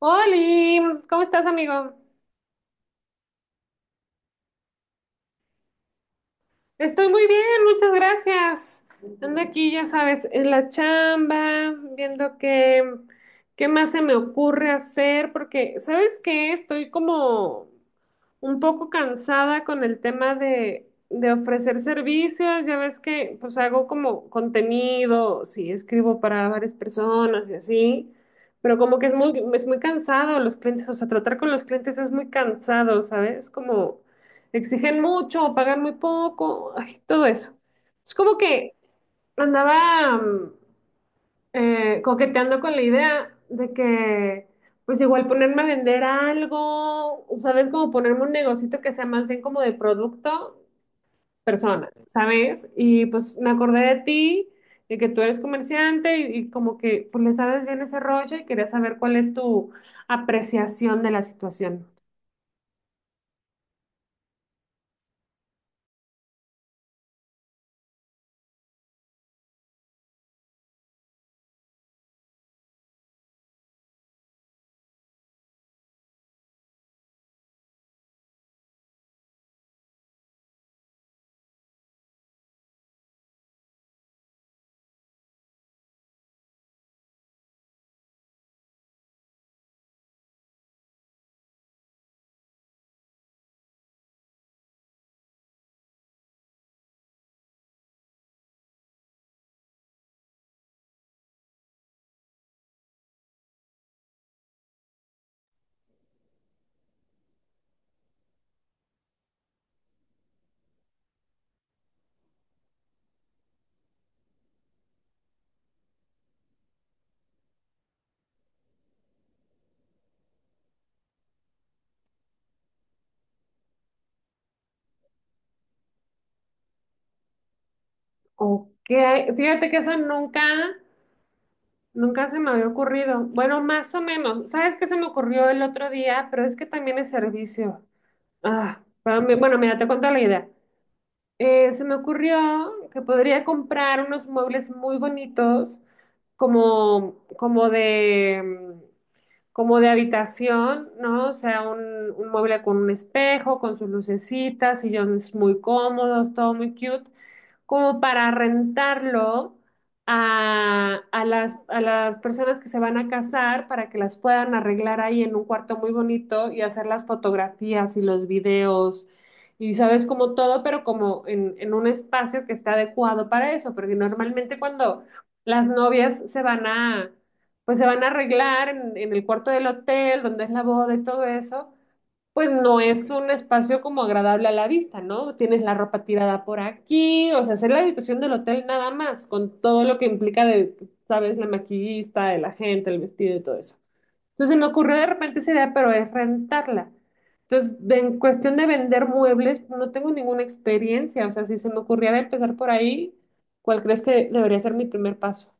Oli, ¿cómo estás, amigo? Estoy muy bien, muchas gracias. Ando aquí, ya sabes, en la chamba, viendo qué más se me ocurre hacer, porque, ¿sabes qué? Estoy como un poco cansada con el tema de ofrecer servicios. Ya ves que, pues, hago como contenido, sí, escribo para varias personas y así. Pero como que es muy cansado los clientes, o sea, tratar con los clientes es muy cansado, ¿sabes? Como exigen mucho, pagan muy poco, ay, todo eso. Es como que andaba coqueteando con la idea de que, pues igual ponerme a vender algo, ¿sabes? Como ponerme un negocito que sea más bien como de producto, persona, ¿sabes? Y pues me acordé de ti, de que tú eres comerciante y como que pues le sabes bien ese rollo y quería saber cuál es tu apreciación de la situación. Ok, fíjate que eso nunca... Nunca se me había ocurrido. Bueno, más o menos. ¿Sabes qué se me ocurrió el otro día? Pero es que también es servicio. Ah, bueno, mira, te cuento la idea. Se me ocurrió que podría comprar unos muebles muy bonitos, como mm, como de habitación, ¿no? O sea, un mueble con un espejo, con sus lucecitas, sillones muy cómodos, todo muy cute, como para rentarlo a las personas que se van a casar para que las puedan arreglar ahí en un cuarto muy bonito y hacer las fotografías y los videos y sabes como todo, pero en un espacio que está adecuado para eso, porque normalmente cuando las novias pues se van a arreglar en el cuarto del hotel, donde es la boda y todo eso, pues no es un espacio como agradable a la vista, ¿no? Tienes la ropa tirada por aquí, o sea, hacer la habitación del hotel nada más, con todo lo que implica de, sabes, la maquillista, el agente, el vestido y todo eso. Entonces se me ocurrió de repente esa idea, pero es rentarla. Entonces, en cuestión de vender muebles, no tengo ninguna experiencia. O sea, si se me ocurriera empezar por ahí, ¿cuál crees que debería ser mi primer paso?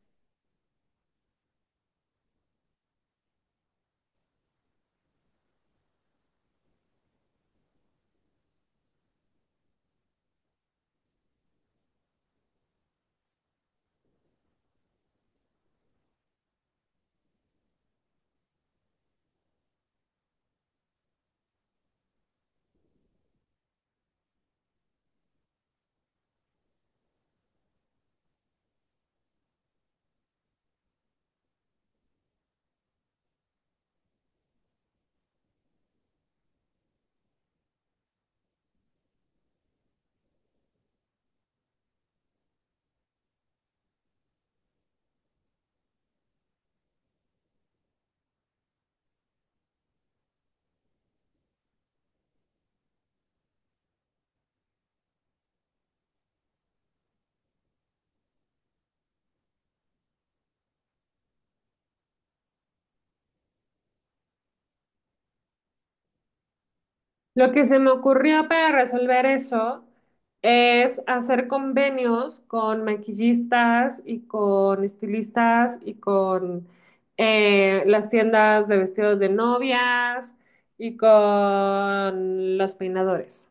Lo que se me ocurrió para resolver eso es hacer convenios con maquillistas y con estilistas y con las tiendas de vestidos de novias y con los peinadores.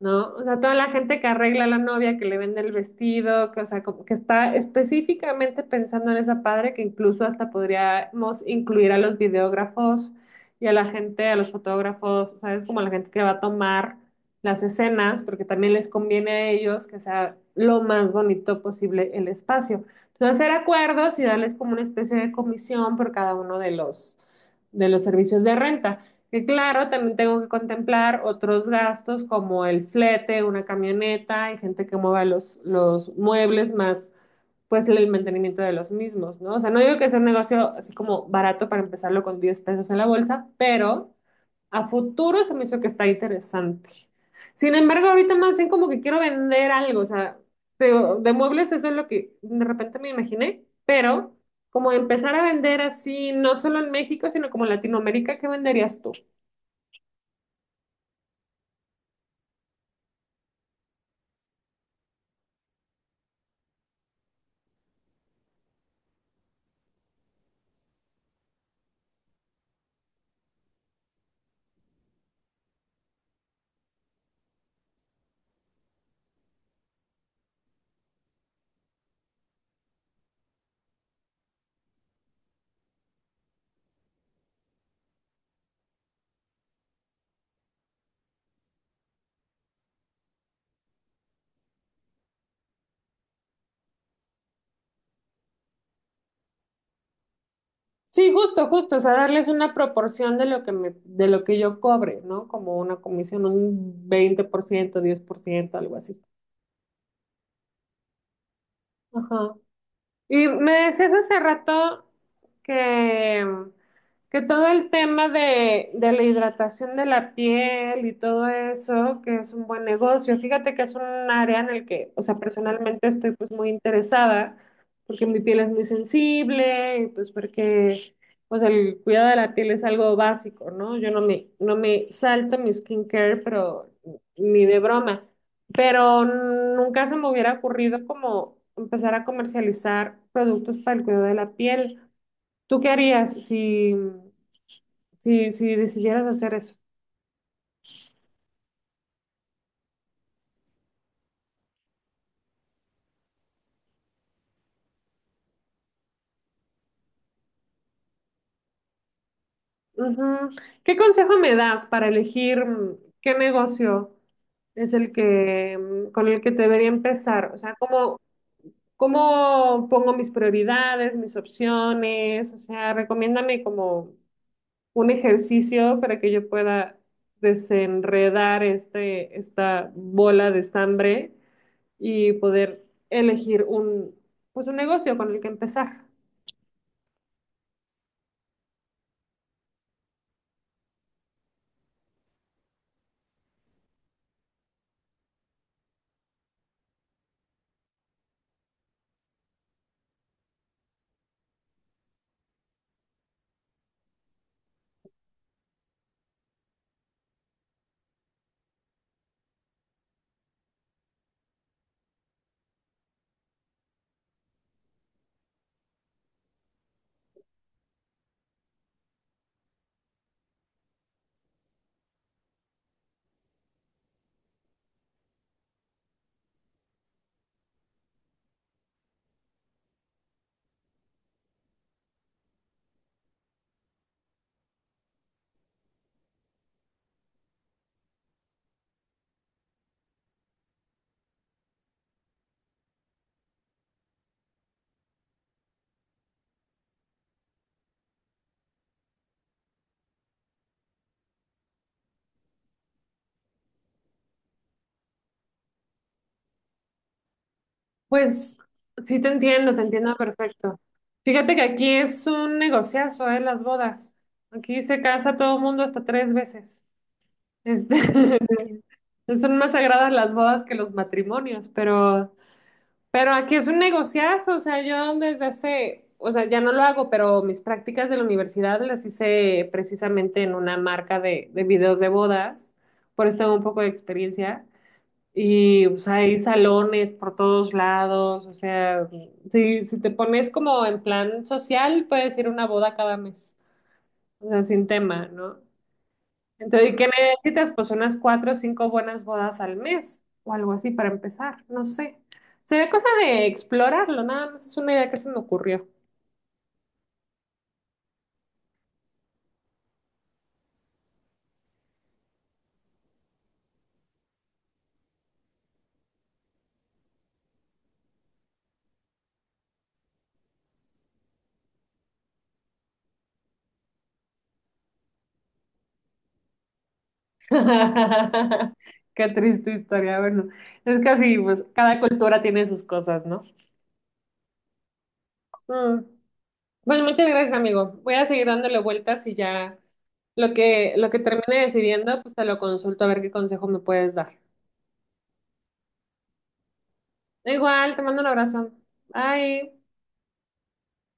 ¿No? O sea, toda la gente que arregla a la novia, que le vende el vestido, o sea, como que está específicamente pensando en esa padre, que incluso hasta podríamos incluir a los videógrafos y a los fotógrafos, o sea, es como la gente que va a tomar las escenas, porque también les conviene a ellos que sea lo más bonito posible el espacio. Entonces, hacer acuerdos y darles como una especie de comisión por cada uno de los servicios de renta. Que claro, también tengo que contemplar otros gastos como el flete, una camioneta, hay gente que mueva los muebles más pues el mantenimiento de los mismos, ¿no? O sea, no digo que sea un negocio así como barato para empezarlo con 10 pesos en la bolsa, pero a futuro se me hizo que está interesante. Sin embargo, ahorita más bien como que quiero vender algo, o sea, de muebles eso es lo que de repente me imaginé, pero como empezar a vender así, no solo en México, sino como en Latinoamérica, ¿qué venderías? Sí, justo, justo, o sea, darles una proporción de lo que me, de lo que yo cobre, ¿no? Como una comisión, un 20%, 10%, algo así. Ajá. Y me decías hace rato que, que todo el tema de la hidratación de la piel y todo eso, que es un buen negocio. Fíjate que es un área en el que, o sea, personalmente estoy pues muy interesada, porque mi piel es muy sensible, y pues porque pues el cuidado de la piel es algo básico, ¿no? Yo no me, No me salto mi skincare, pero ni de broma, pero nunca se me hubiera ocurrido como empezar a comercializar productos para el cuidado de la piel. ¿Tú qué harías si decidieras hacer eso? Ujú. ¿Qué consejo me das para elegir qué negocio es el que con el que debería empezar? O sea, ¿cómo pongo mis prioridades, mis opciones? O sea, recomiéndame como un ejercicio para que yo pueda desenredar esta bola de estambre y poder elegir pues un negocio con el que empezar. Pues sí te entiendo perfecto. Fíjate que aquí es un negociazo, ¿eh? Las bodas. Aquí se casa todo el mundo hasta tres veces. Este, son más sagradas las bodas que los matrimonios, pero... Pero aquí es un negociazo, o sea, yo desde hace, o sea, ya no lo hago, pero mis prácticas de la universidad las hice precisamente en una marca de videos de bodas, por eso tengo un poco de experiencia. Y pues hay salones por todos lados, o sea, si te pones como en plan social, puedes ir a una boda cada mes, o sea, sin tema, ¿no? Entonces, ¿qué necesitas? Pues unas cuatro o cinco buenas bodas al mes o algo así para empezar, no sé. Sería cosa de explorarlo, nada más es una idea que se me ocurrió. Qué triste historia, bueno, es que así, pues cada cultura tiene sus cosas, ¿no? Mm. Pues muchas gracias, amigo. Voy a seguir dándole vueltas y ya lo que termine decidiendo, pues te lo consulto a ver qué consejo me puedes dar. Igual, te mando un abrazo. Bye.